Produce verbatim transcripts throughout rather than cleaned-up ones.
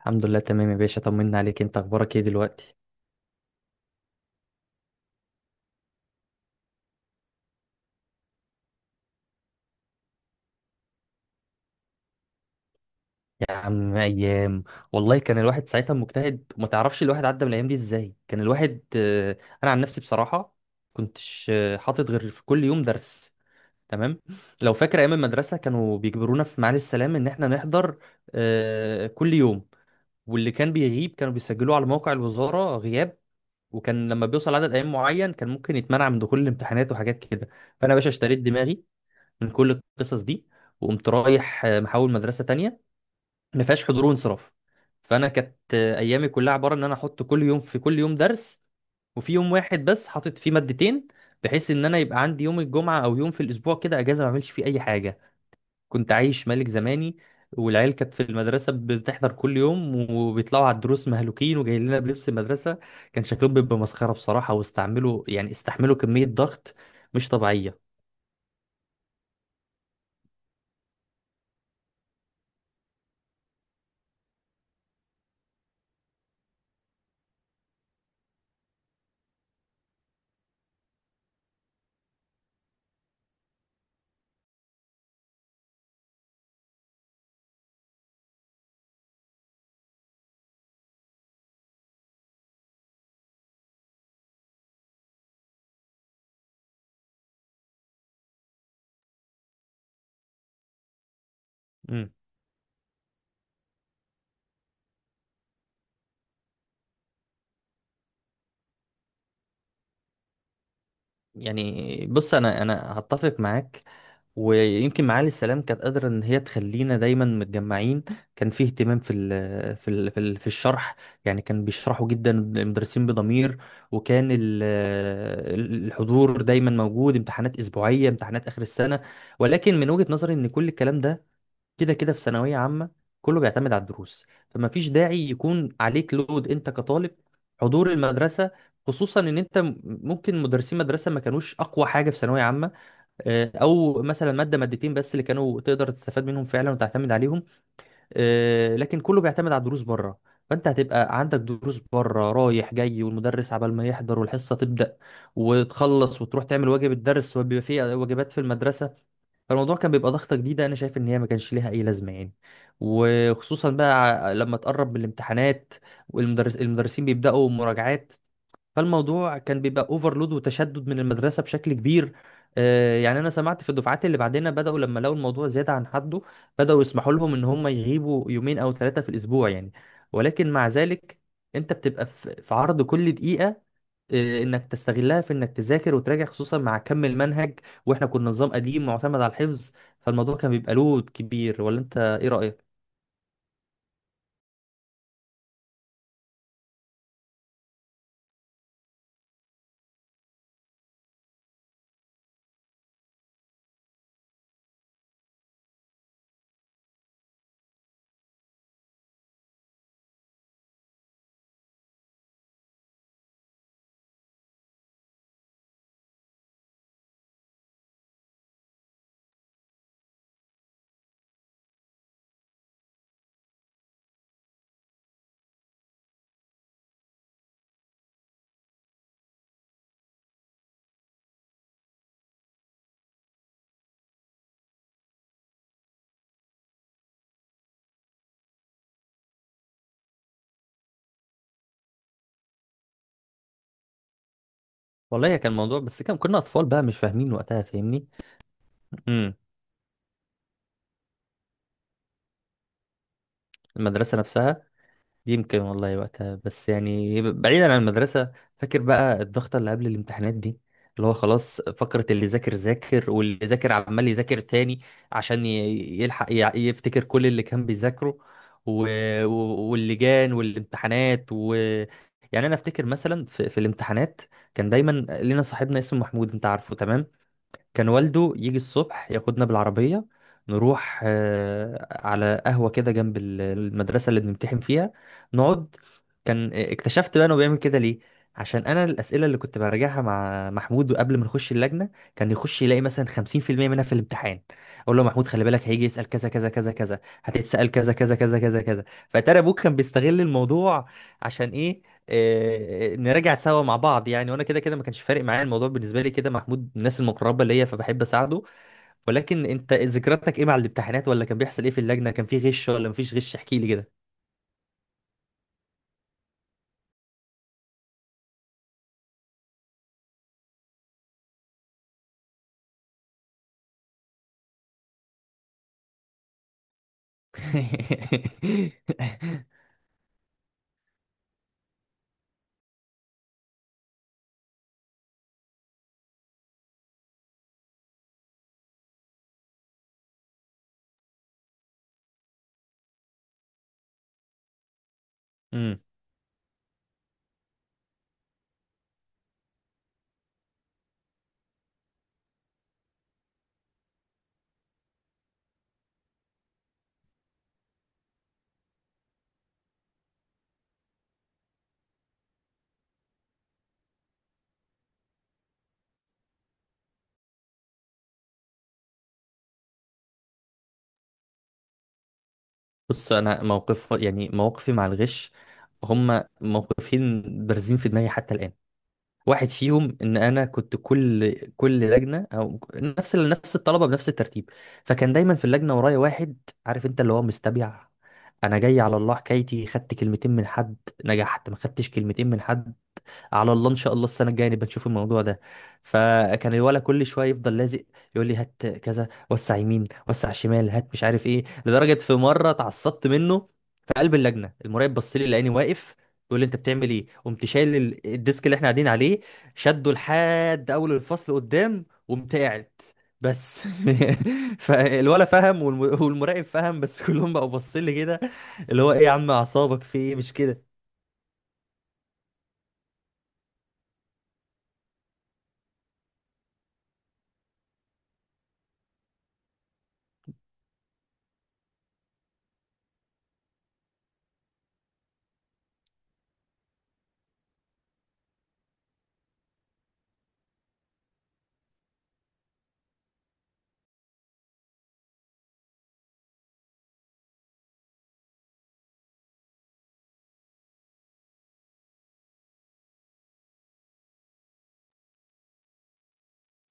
الحمد لله، تمام يا باشا، طمنا عليك. انت اخبارك ايه دلوقتي؟ يا عم ايام، والله كان الواحد ساعتها مجتهد، وما تعرفش الواحد عدى من الايام دي ازاي. كان الواحد آه، انا عن نفسي بصراحة كنتش آه، حاطط غير في كل يوم درس. تمام. لو فاكر ايام المدرسة، كانوا بيجبرونا في معالي السلام ان احنا نحضر آه، كل يوم. واللي كان بيغيب كانوا بيسجلوه على موقع الوزارة غياب، وكان لما بيوصل عدد ايام معين كان ممكن يتمنع من دخول الامتحانات وحاجات كده. فانا يا باشا اشتريت دماغي من كل القصص دي، وقمت رايح آه، محاول مدرسه تانية ما فيهاش حضور وانصراف. فانا كانت آه، ايامي كلها عباره ان انا احط كل يوم في كل يوم درس، وفي يوم واحد بس حاطط فيه مادتين، بحيث ان انا يبقى عندي يوم الجمعه او يوم في الاسبوع كده اجازه ما اعملش فيه اي حاجه. كنت عايش ملك زماني. والعيال كانت في المدرسه بتحضر كل يوم وبيطلعوا على الدروس مهلوكين وجايين لنا بلبس المدرسه، كان شكلهم بيبقى مسخره بصراحه، واستعملوا يعني استحملوا كميه ضغط مش طبيعيه. يعني بص، انا انا هتفق معاك، ويمكن معالي السلام كانت قادره ان هي تخلينا دايما متجمعين. كان فيه اهتمام في ال في ال في, ال في الشرح، يعني كان بيشرحوا جدا المدرسين بضمير. وكان ال- الحضور دايما موجود، امتحانات اسبوعيه، امتحانات اخر السنه. ولكن من وجهه نظري ان كل الكلام ده كده كده في ثانوية عامة، كله بيعتمد على الدروس، فما فيش داعي يكون عليك لود انت كطالب حضور المدرسة، خصوصا ان انت م- ممكن مدرسين مدرسة ما كانوش اقوى حاجة في ثانوية عامة. آه، او مثلا مادة مادتين بس اللي كانوا تقدر تستفاد منهم فعلا وتعتمد عليهم. آه، لكن كله بيعتمد على الدروس بره، فانت هتبقى عندك دروس بره رايح جاي، والمدرس عبال ما يحضر والحصة تبدأ وتخلص وتروح تعمل واجب الدرس، وبيبقى فيه واجبات في المدرسة. فالموضوع كان بيبقى ضغطة جديدة، أنا شايف إن هي ما كانش ليها أي لازمة يعني. وخصوصا بقى ع- لما تقرب من الامتحانات، والمدرس المدرسين بيبدأوا مراجعات. فالموضوع كان بيبقى اوفرلود وتشدد من المدرسه بشكل كبير. آه، يعني انا سمعت في الدفعات اللي بعدنا بداوا لما لقوا الموضوع زياده عن حده، بداوا يسمحوا لهم ان هم يغيبوا يومين او ثلاثه في الاسبوع يعني. ولكن مع ذلك، انت بتبقى في في عرض كل دقيقه، آه، انك تستغلها في انك تذاكر وتراجع، خصوصا مع كم المنهج. واحنا كنا نظام قديم معتمد على الحفظ، فالموضوع كان بيبقى لود كبير. ولا انت ايه رايك؟ والله كان موضوع، بس كان كنا اطفال بقى مش فاهمين وقتها فاهمني. امم. المدرسه نفسها. يمكن والله وقتها، بس يعني بعيدا عن المدرسة، فاكر بقى الضغطة اللي قبل الامتحانات دي؟ اللي هو خلاص فقرة اللي ذاكر ذاكر، واللي ذاكر عمال يذاكر تاني عشان ي- يلحق ي- يفتكر كل اللي كان بيذاكره. و... و- واللجان والامتحانات و يعني انا افتكر مثلا في, في الامتحانات كان دايما لينا صاحبنا اسمه محمود، انت عارفه تمام. كان والده يجي الصبح ياخدنا بالعربية، نروح آه، على قهوة كده جنب ال- المدرسة اللي بنمتحن فيها نقعد. كان آه، اكتشفت بقى انه بيعمل كده ليه، عشان انا الاسئله اللي كنت براجعها مع محمود قبل ما نخش اللجنه كان يخش يلاقي مثلا خمسين في المية منها في الامتحان. اقول له يا محمود خلي بالك هيجي يسال كذا كذا كذا كذا، هتتسال كذا كذا كذا كذا كذا. فترى ابوك كان بيستغل الموضوع عشان ايه؟ آه، آه، نراجع سوا مع بعض يعني، وانا كده كده ما كانش فارق معايا الموضوع، بالنسبه لي كده محمود من الناس المقربه ليا فبحب اساعده. ولكن انت ذكرياتك ايه مع الامتحانات؟ ولا كان بيحصل ايه في اللجنه، كان في غش ولا مفيش غش؟ احكي لي كده. امم. بص، انا موقف يعني مواقفي مع الغش، هم موقفين بارزين في دماغي حتى الان. واحد فيهم ان انا كنت كل كل لجنه، او نفس ال- نفس الطلبه بنفس الترتيب، فكان دايما في اللجنه ورايا واحد عارف انت اللي هو مستبيع. انا جاي على الله حكايتي، خدت كلمتين من حد نجحت، ما خدتش كلمتين من حد، على الله ان شاء الله السنه الجايه نبقى نشوف الموضوع ده. فكان الولد كل شويه يفضل لازق يقول لي هات كذا، وسع يمين، وسع شمال، هات مش عارف ايه، لدرجه في مره اتعصبت منه. في قلب اللجنه المراقب بص لي لقاني واقف، بيقول لي انت بتعمل ايه؟ قمت شايل ال- الديسك اللي احنا قاعدين عليه، شده لحد اول الفصل قدام وقمت قاعد. بس فالولا فهم والم- والمراقب فهم، بس كلهم بقوا باصين لي كده، اللي هو ايه يا عم اعصابك في ايه مش كده؟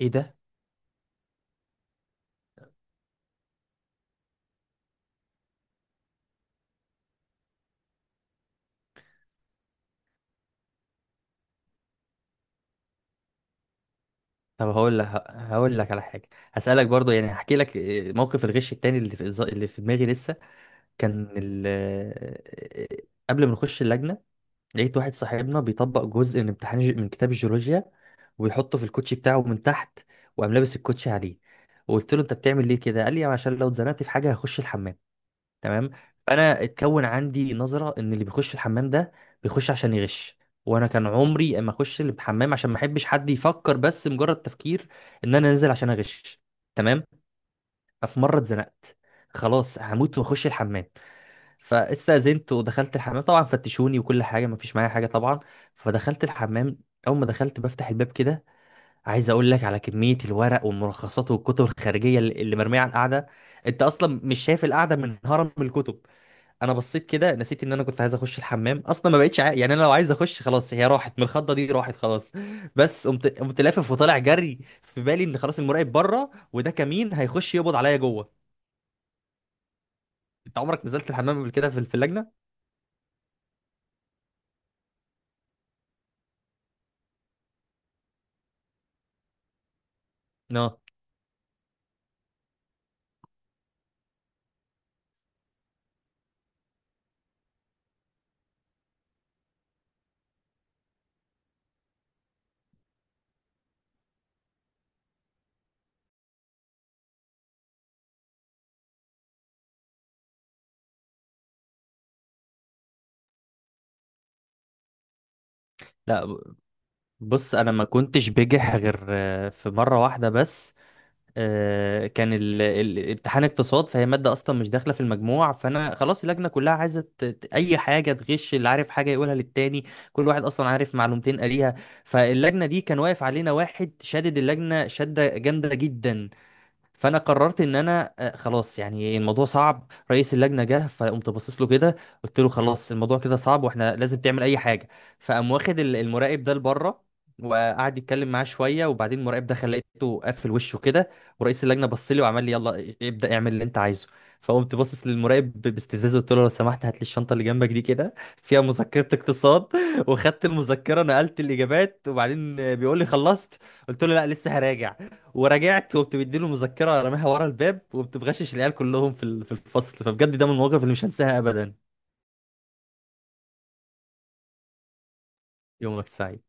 ايه ده؟ طب هقول لك هقول لك على حاجه، هسالك برضو يعني، هحكي لك آه، موقف الغش التاني اللي في اللي في دماغي لسه. كان ال... آه، قبل ما نخش اللجنه لقيت واحد صاحبنا بيطبق جزء من امتحان ج- من كتاب الجيولوجيا ويحطه في الكوتشي بتاعه من تحت، وقام لابس الكوتشي عليه. وقلت له انت بتعمل ليه كده؟ قال لي عشان لو اتزنقت في حاجه هخش الحمام. تمام. فانا اتكون عندي نظره ان اللي بيخش الحمام ده بيخش عشان يغش، وانا كان عمري اما اخش الحمام عشان ما احبش حد يفكر بس مجرد تفكير ان انا نازل عشان اغش. تمام. ففي مره اتزنقت، خلاص هموت واخش الحمام، فاستاذنت ودخلت الحمام. طبعا فتشوني وكل حاجه ما فيش معايا حاجه طبعا. فدخلت الحمام، اول ما دخلت بفتح الباب كده، عايز اقول لك على كميه الورق والملخصات والكتب الخارجيه اللي اللي مرميه على القعده. انت اصلا مش شايف القعده من هرم الكتب. انا بصيت كده نسيت ان انا كنت عايز اخش الحمام اصلا، ما بقتش عا... يعني انا لو عايز اخش خلاص، هي راحت من الخضه دي، راحت خلاص. بس قمت قمت لافف وطالع جري في بالي ان خلاص المراقب بره وده كمين هيخش يقبض عليا جوه. انت عمرك نزلت الحمام قبل كده في في اللجنه؟ لا لا، ب- بص انا ما كنتش بجح غير آه، في مره واحده بس. آه، كان ال- ال- امتحان اقتصاد، فهي مادة أصلا مش داخلة في المجموع، فأنا خلاص اللجنة كلها عايزة ت- ت- أي حاجة تغش، اللي عارف حاجة يقولها للتاني. كل واحد أصلا عارف معلومتين قاليها. فاللجنة دي كان واقف علينا واحد شادد اللجنة شدة جامدة جدا، فانا قررت ان انا آه، خلاص يعني الموضوع صعب. رئيس اللجنه جه فقمت باصص له كده، قلت له خلاص الموضوع كده صعب واحنا لازم تعمل اي حاجه. فقام واخد ال- المراقب ده لبره وقعد يتكلم معاه شويه، وبعدين المراقب ده خليته قفل وشه كده. ورئيس اللجنه بص لي وعمل لي يلا ابدا اعمل اللي انت عايزه. فقمت باصص للمراقب ب- باستفزاز، قلت له لو سمحت هات لي الشنطه اللي جنبك دي كده، فيها مذكره اقتصاد. وخدت المذكره نقلت الاجابات، وبعدين بيقول لي خلصت؟ قلت له لا لسه هراجع. ورجعت وقمت مديله مذكره رماها ورا الباب، وقمت مغشش العيال كلهم في ال- في الفصل. فبجد ده من المواقف اللي مش هنساها ابدا. يومك سعيد.